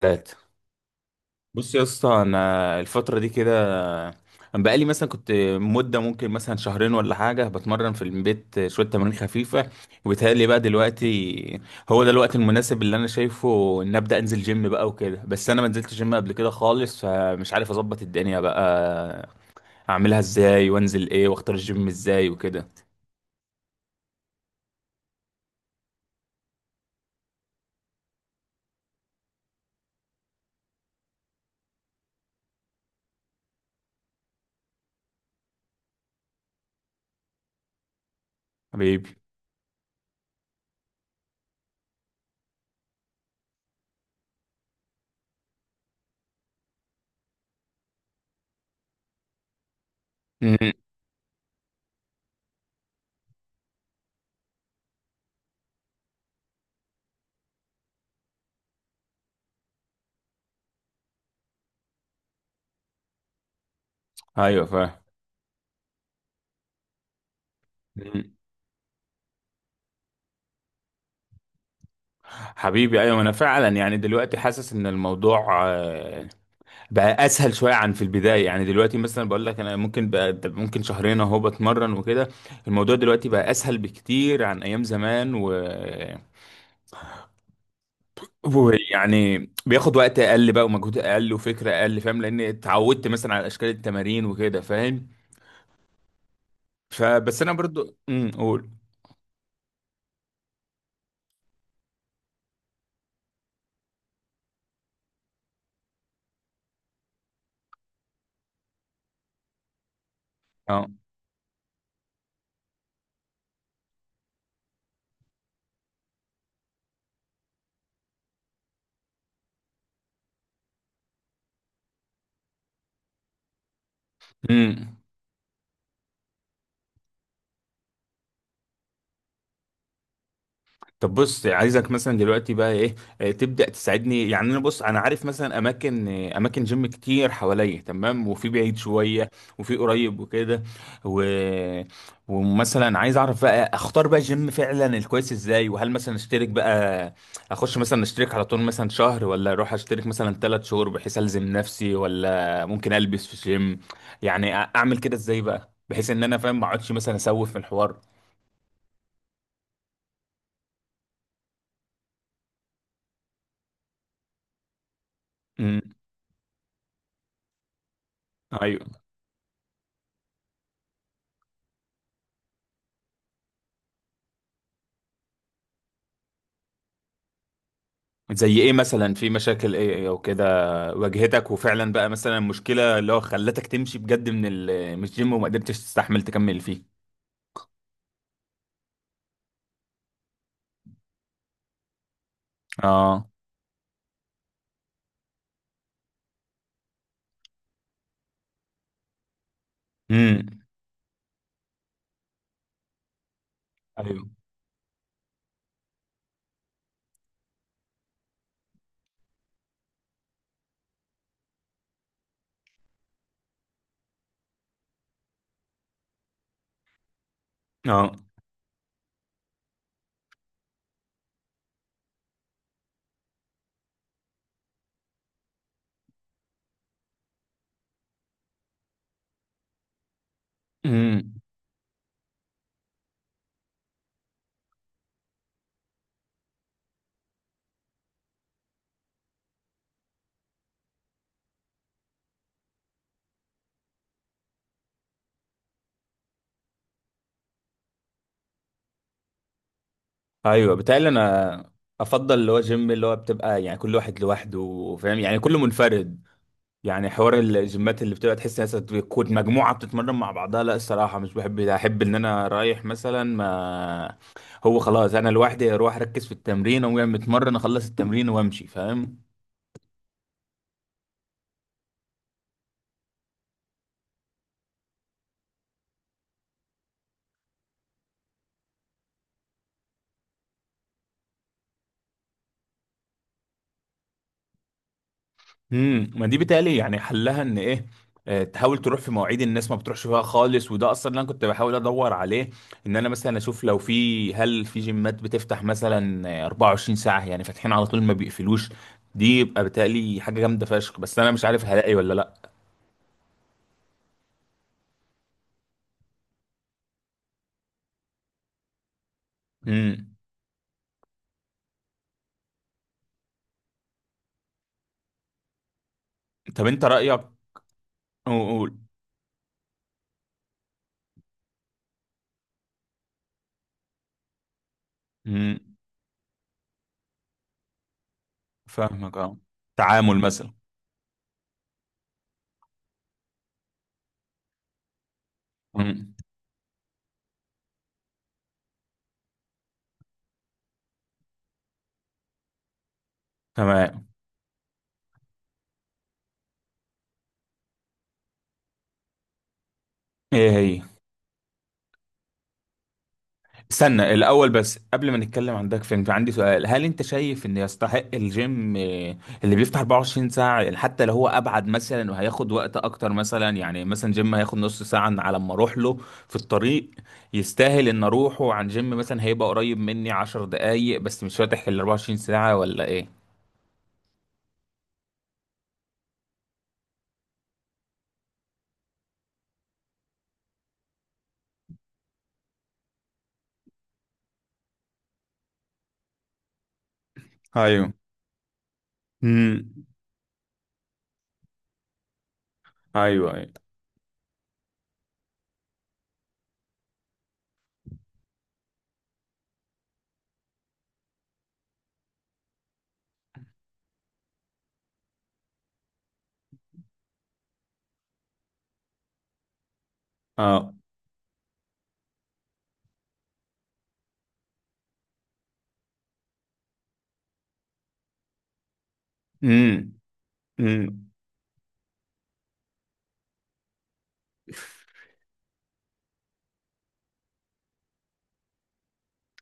تلاتة. بص يا اسطى، انا الفتره دي كده. انا بقالي مثلا كنت مده ممكن مثلا شهرين ولا حاجه بتمرن في البيت شويه تمارين خفيفه. وبيتهيألي بقى دلوقتي هو ده الوقت المناسب اللي انا شايفه ان ابدا انزل جيم بقى وكده. بس انا ما نزلتش جيم قبل كده خالص، فمش عارف اظبط الدنيا بقى اعملها ازاي وانزل ايه واختار الجيم ازاي وكده. حبيبي. مم. ايوه، فاهم. مم. حبيبي، ايوه انا فعلا يعني دلوقتي حاسس ان الموضوع بقى اسهل شويه عن في البدايه. يعني دلوقتي مثلا بقول لك انا ممكن بقى ممكن شهرين اهو بتمرن وكده. الموضوع دلوقتي بقى اسهل بكتير عن ايام زمان ويعني بياخد وقت اقل بقى ومجهود اقل وفكره اقل، فاهم؟ لان اتعودت مثلا على اشكال التمارين وكده، فاهم. فبس انا برضو، قول. اه. امم. طب بص، عايزك مثلا دلوقتي بقى ايه. تبدأ تساعدني. يعني انا بص، انا عارف مثلا اماكن، جيم كتير حواليا، تمام؟ وفي بعيد شوية وفي قريب وكده، و... ومثلا عايز اعرف بقى اختار بقى جيم فعلا الكويس ازاي، وهل مثلا اشترك بقى اخش مثلا اشترك على طول مثلا شهر، ولا اروح اشترك مثلا 3 شهور بحيث الزم نفسي، ولا ممكن البس في جيم. يعني اعمل كده ازاي بقى بحيث ان انا فاهم ما اقعدش مثلا اسوف في الحوار. امم. ايوه. زي ايه مثلا؟ في مشاكل ايه، إيه، او كده واجهتك وفعلا بقى مثلا مشكلة اللي هو خلتك تمشي بجد من الجيم وما قدرتش تستحمل تكمل فيه؟ اه. امم. ايوه. اه. امم. ايوه، بتهيألي انا افضل اللي هو جيم اللي هو بتبقى يعني كل واحد لوحده، فاهم؟ يعني كله منفرد. يعني حوار الجيمات اللي بتبقى تحس ناس بتكون مجموعة بتتمرن مع بعضها، لا الصراحة مش بحب ده. أحب إن أنا رايح مثلا، ما هو خلاص أنا لوحدي أروح أركز في التمرين، أقوم جاي متمرن أخلص التمرين وأمشي، فاهم؟ امم، ما دي بتهيألي يعني حلها إن إيه، تحاول تروح في مواعيد الناس ما بتروحش فيها خالص، وده اصلا اللي انا كنت بحاول ادور عليه. ان انا مثلا اشوف لو في هل في جيمات بتفتح مثلا، 24 ساعه يعني، فاتحين على طول ما بيقفلوش. دي يبقى بتهيألي حاجه جامده فشخ، بس انا مش عارف هلاقي ولا لا. امم. طب انت رأيك؟ قول، قول. امم. فاهمك، اه. تعامل مثلا. امم. تمام. ايه هي؟ استنى الاول بس، قبل ما نتكلم عن داك، فين عندي سؤال. هل انت شايف ان يستحق الجيم، اللي بيفتح 24 ساعة، يعني حتى لو هو ابعد مثلا وهياخد وقت اكتر؟ مثلا يعني مثلا جيم هياخد نص ساعة على ما اروح له في الطريق، يستاهل ان اروحه عن جيم مثلا هيبقى قريب مني 10 دقايق بس مش فاتح ال 24 ساعة، ولا ايه؟ ايوه. امم. ايوه، ايوه. اه. امم. امم.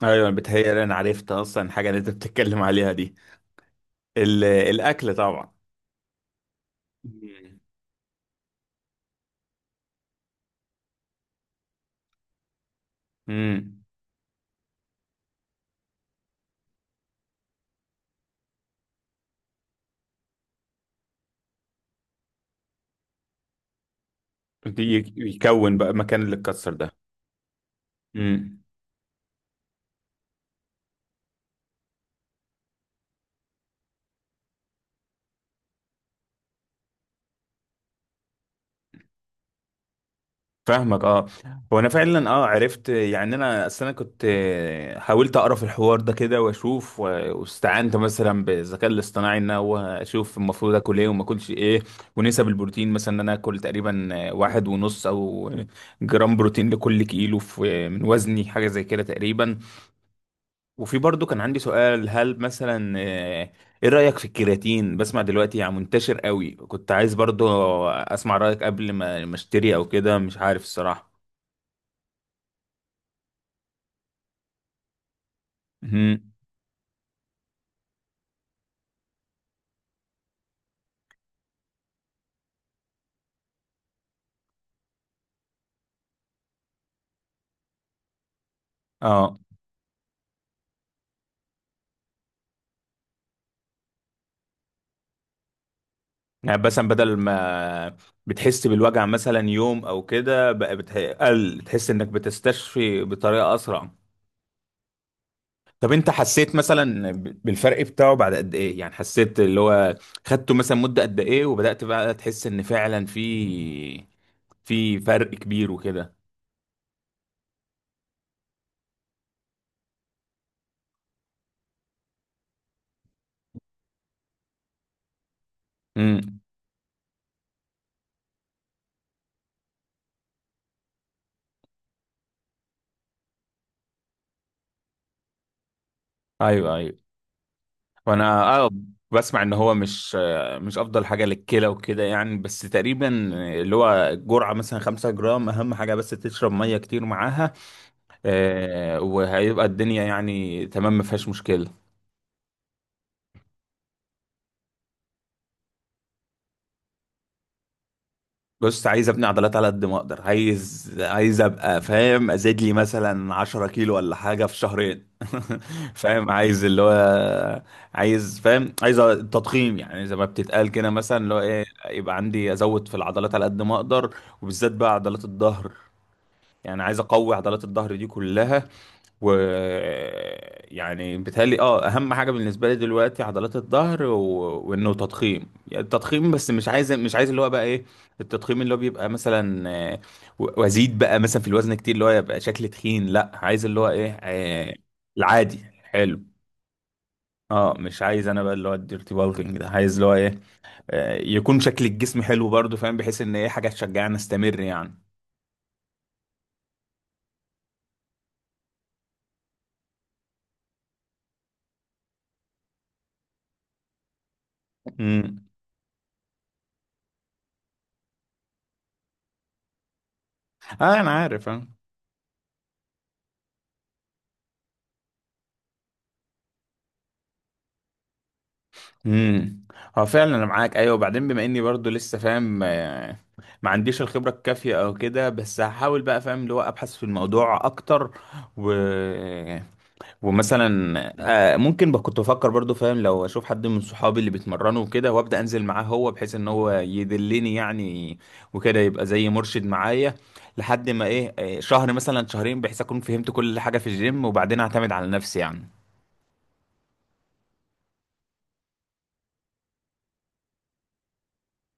ايوه، بتهيألي انا عرفت اصلا الحاجه اللي انت بتتكلم عليها دي. الاكل طبعا. امم. امم. بيكون بقى مكان اللي اتكسر ده. امم. فاهمك، اه. هو انا فعلا اه عرفت، يعني انا اصل انا كنت، حاولت اقرا في الحوار ده كده واشوف، واستعنت مثلا بالذكاء الاصطناعي ان هو اشوف المفروض اكل ايه وما اكلش ايه. ونسب البروتين مثلا ان انا اكل تقريبا، 1.5 او جرام بروتين لكل كيلو في من وزني، حاجه زي كده تقريبا. وفي برضو كان عندي سؤال، هل مثلا، ايه رايك في الكرياتين؟ بسمع دلوقتي يعني منتشر قوي، كنت عايز برضو اسمع رايك قبل ما اشتري او كده، مش عارف الصراحه. مهم. اه. يعني مثلا بدل ما بتحس بالوجع مثلا يوم او كده بقى قل، بتحس انك بتستشفي بطريقه اسرع. طب انت حسيت مثلا بالفرق بتاعه بعد قد ايه؟ يعني حسيت اللي هو خدته مثلا مده قد ايه وبدات بقى تحس ان فعلا في فرق كبير وكده؟ امم. ايوه، ايوه. وانا اه بسمع ان هو مش افضل حاجه للكلى وكده يعني. بس تقريبا اللي هو جرعه مثلا 5 جرام اهم حاجه، بس تشرب ميه كتير معاها، وهيبقى الدنيا يعني تمام ما فيهاش مشكله. بص، عايز ابني عضلات على قد ما اقدر. عايز، ابقى فاهم، ازيد لي مثلا 10 كيلو ولا حاجه في شهرين. فاهم؟ عايز اللي هو، عايز، فاهم، عايز تضخيم، يعني زي ما بتتقال كده مثلا، اللي هو ايه، يبقى عندي ازود في العضلات على قد ما اقدر، وبالذات بقى عضلات الظهر. يعني عايز اقوي عضلات الظهر دي كلها. و يعني بيتهيألي اه اهم حاجه بالنسبه لي دلوقتي عضلات الظهر، وانه تضخيم. يعني التضخيم، بس مش عايز اللي هو بقى ايه، التضخيم اللي هو بيبقى مثلا، وازيد بقى مثلا في الوزن كتير اللي هو يبقى شكل تخين. لا، عايز اللي هو ايه، العادي، حلو. اه، مش عايز انا بقى اللي هو الديرتي بالكينج ده. عايز اللي هو ايه، يكون شكل الجسم حلو برضه، فاهم؟ بحيث ان ايه، حاجه تشجعني استمر يعني. امم. اه، انا عارف. آه. امم. هو فعلا انا معاك، ايوه. وبعدين بما اني برضو لسه فاهم، ما عنديش الخبره الكافيه او كده، بس هحاول بقى، فاهم، اللي هو ابحث في الموضوع اكتر، و... ومثلا، ممكن بقى كنت بفكر برضو، فاهم، لو اشوف حد من صحابي اللي بيتمرنوا وكده وابدا انزل معاه هو، بحيث ان هو يدلني يعني، وكده يبقى زي مرشد معايا لحد ما ايه، شهر مثلا شهرين، بحيث اكون فهمت كل حاجه في الجيم وبعدين اعتمد على نفسي يعني.